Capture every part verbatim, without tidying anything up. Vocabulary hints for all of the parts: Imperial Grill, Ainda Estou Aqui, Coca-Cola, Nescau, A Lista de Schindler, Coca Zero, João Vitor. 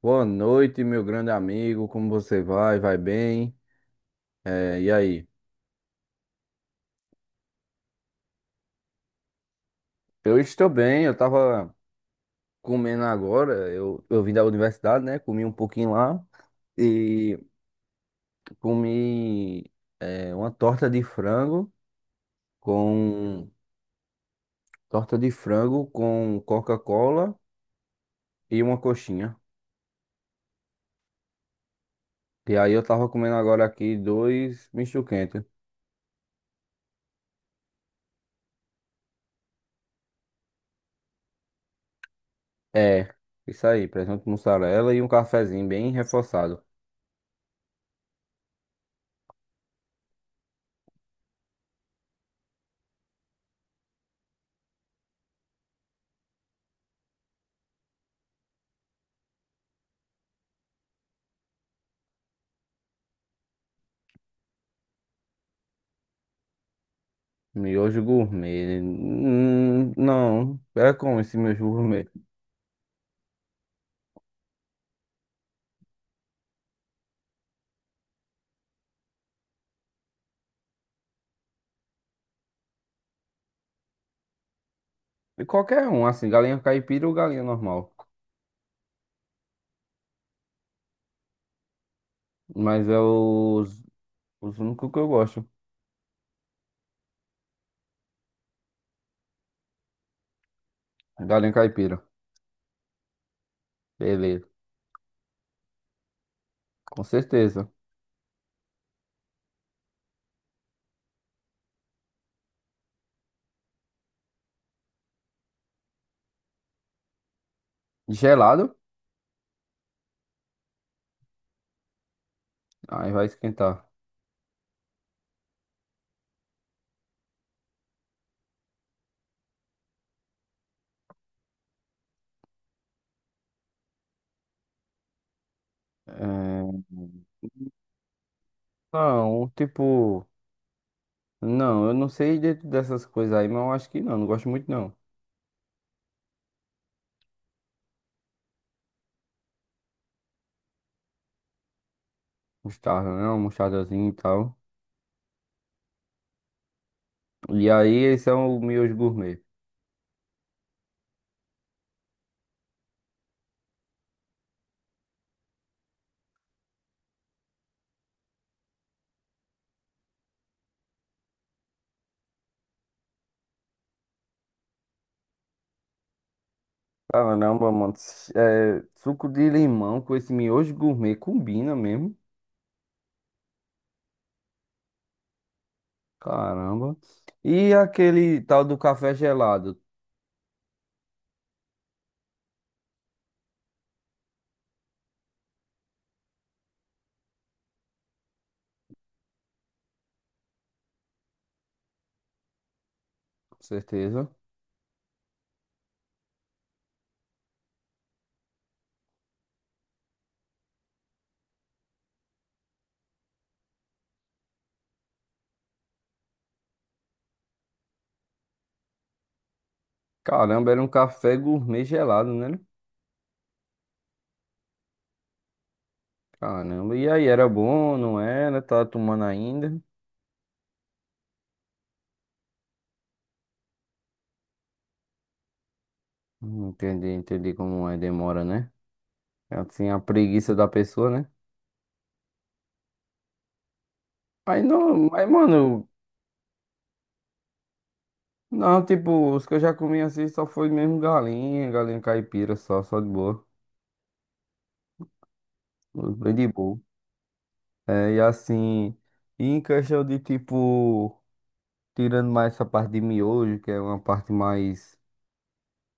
Boa noite, meu grande amigo. Como você vai? Vai bem? É, e aí? Eu estou bem. Eu estava comendo agora. Eu, eu vim da universidade, né? Comi um pouquinho lá e comi é, uma torta de frango com torta de frango com Coca-Cola e uma coxinha. E aí eu estava comendo agora aqui dois misto quente. É, isso aí. Presunto mussarela e um cafezinho bem reforçado. Miojo gourmet. Hum, não, é como esse miojo gourmet? E qualquer um, assim, galinha caipira ou galinha normal. Mas é os, os únicos que eu gosto. Galinha caipira. Beleza, com certeza. Gelado? Aí vai esquentar. É, não, tipo. Não, eu não sei de- dessas coisas aí, mas eu acho que não, não gosto muito não. Mostarda, né? Uma mostardazinha e tal. E aí, esse é o miojo gourmet. Caramba, mano. S- é, suco de limão com esse miojo gourmet combina mesmo. Caramba. E aquele tal do café gelado, com certeza. Caramba, era um café gourmet gelado, né? Caramba. E aí, era bom, não era? Tá tomando ainda? Hum, Entendi, entendi como é, demora, né? É assim, a preguiça da pessoa, né? Aí não, mas mano, não, tipo, os que eu já comi assim só foi mesmo galinha, galinha caipira, só, só de boa. Bem de boa. É, e assim, e em questão de tipo, tirando mais essa parte de miojo, que é uma parte mais,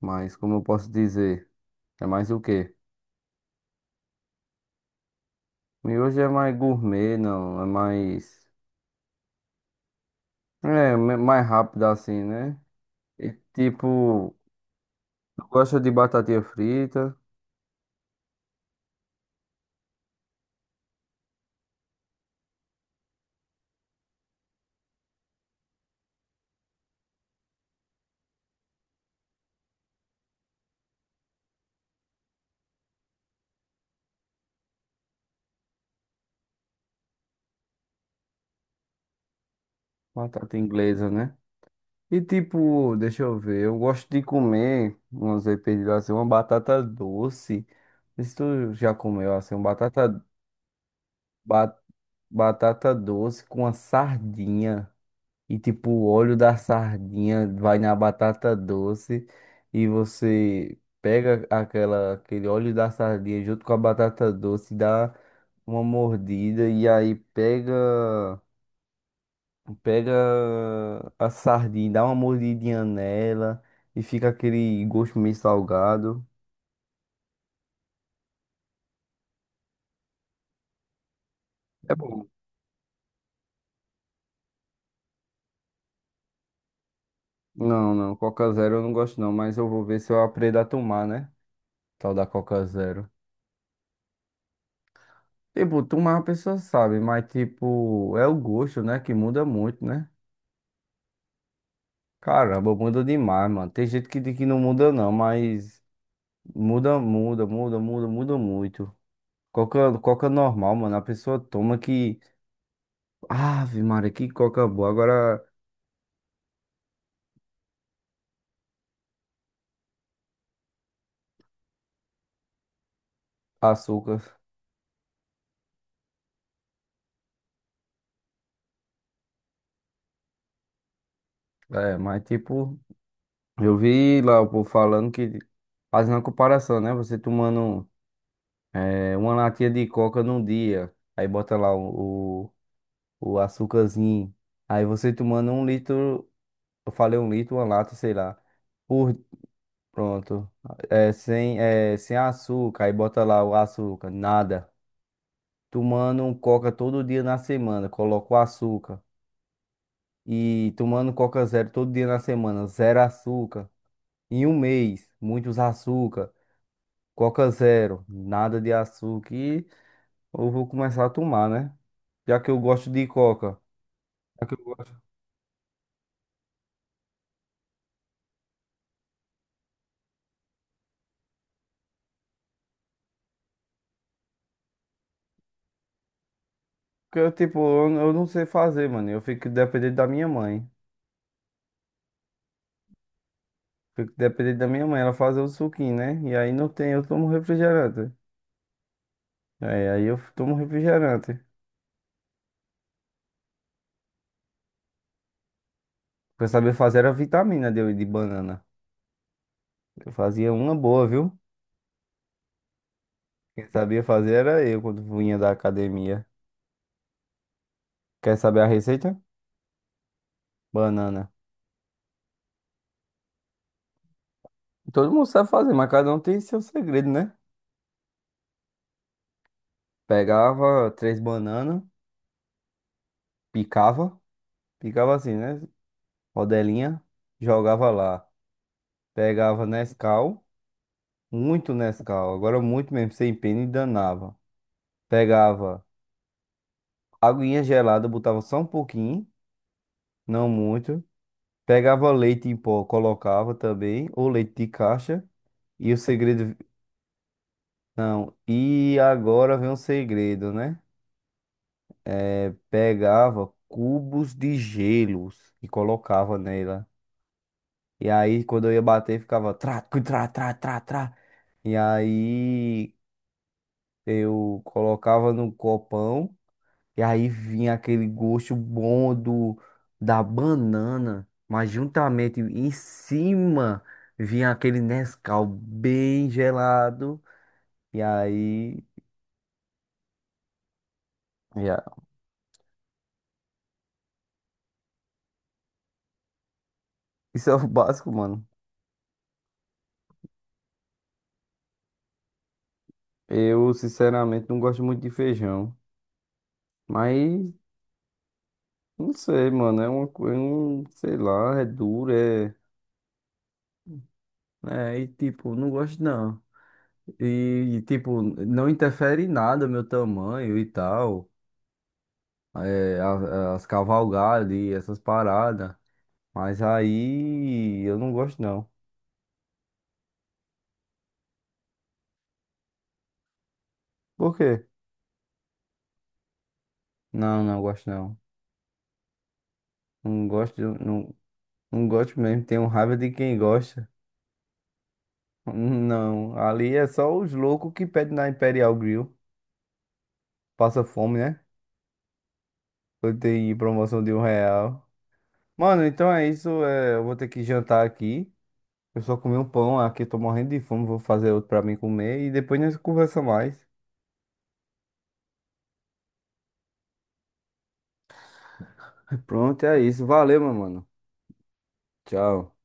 mais, como eu posso dizer, é mais o quê? Miojo é mais gourmet, não, é mais, é, me- mais rápido assim, né? E tipo, eu gosto de batatinha frita, batata inglesa, né? E tipo, deixa eu ver, eu gosto de comer, vamos dizer, pedido assim, uma batata doce. Isso tu já comeu assim, uma batata, batata doce com a sardinha. E tipo, o óleo da sardinha vai na batata doce. E você pega aquela, aquele óleo da sardinha junto com a batata doce, dá uma mordida. E aí pega, pega a sardinha, dá uma mordidinha nela. E fica aquele gosto meio salgado. É bom. Não, não, Coca Zero eu não gosto não, mas eu vou ver se eu aprendo a tomar, né? Tal da Coca Zero. Tipo, tu mais a pessoa sabe, mas tipo, é o gosto, né? Que muda muito, né? Caramba, muda demais, mano. Tem gente que diz que não muda não, mas muda, muda, muda, muda, muda muito. Coca, coca normal, mano. A pessoa toma que. Ave Maria, que coca boa. Agora açúcar. É, mas tipo, eu vi lá o povo falando que. Fazendo a comparação, né? Você tomando é, uma latinha de coca num dia. Aí bota lá o, o açúcarzinho. Aí você tomando um litro, eu falei um litro, uma lata, sei lá. Por, Pronto. É, sem, é, sem açúcar, aí bota lá o açúcar, nada. Tomando um coca todo dia na semana, coloca o açúcar. E tomando coca zero todo dia na semana, zero açúcar. Em um mês, muitos açúcar. Coca zero, nada de açúcar. E eu vou começar a tomar, né? Já que eu gosto de coca. Já que eu gosto. Porque eu, tipo, eu, eu não sei fazer, mano. Eu fico dependente da minha mãe. Fico dependente da minha mãe, ela fazer o suquinho, né? E aí não tem, eu tomo refrigerante. Aí, aí eu tomo refrigerante. O que eu sabia fazer era vitamina de, de banana. Eu fazia uma boa, viu? Quem sabia fazer era eu quando vinha da academia. Quer saber a receita? Banana. Todo mundo sabe fazer, mas cada um tem seu segredo, né? Pegava três bananas, picava, picava assim, né? Rodelinha, jogava lá. Pegava Nescau. Muito Nescau, agora muito mesmo, sem pena e danava. Pegava aguinha gelada, botava só um pouquinho, não muito. Pegava leite em pó, colocava também, ou leite de caixa. E o segredo, não, e agora vem um segredo, né? É, pegava cubos de gelos e colocava nela. E aí, quando eu ia bater, ficava trá, cu, trá, trá, trá, trá. E aí, eu colocava no copão. E aí vinha aquele gosto bom do, da banana, mas juntamente em cima vinha aquele Nescau bem gelado. E aí, yeah. Isso é o básico, mano. Eu, sinceramente, não gosto muito de feijão. Mas, não sei, mano. É uma coisa, sei lá, é duro, é. É, e tipo, não gosto não. E, e, tipo, não interfere em nada meu tamanho e tal. É, a- as cavalgadas e essas paradas. Mas aí eu não gosto não. Por quê? Não, não gosto não. Não gosto, de- não, não gosto mesmo. Tenho raiva de quem gosta. Não, ali é só os loucos que pedem na Imperial Grill. Passa fome, né? Eu tenho promoção de um real. Mano, então é isso. É, eu vou ter que jantar aqui. Eu só comi um pão aqui, eu tô morrendo de fome. Vou fazer outro pra mim comer e depois nós conversa mais. Pronto, é isso. Valeu, meu mano. Tchau.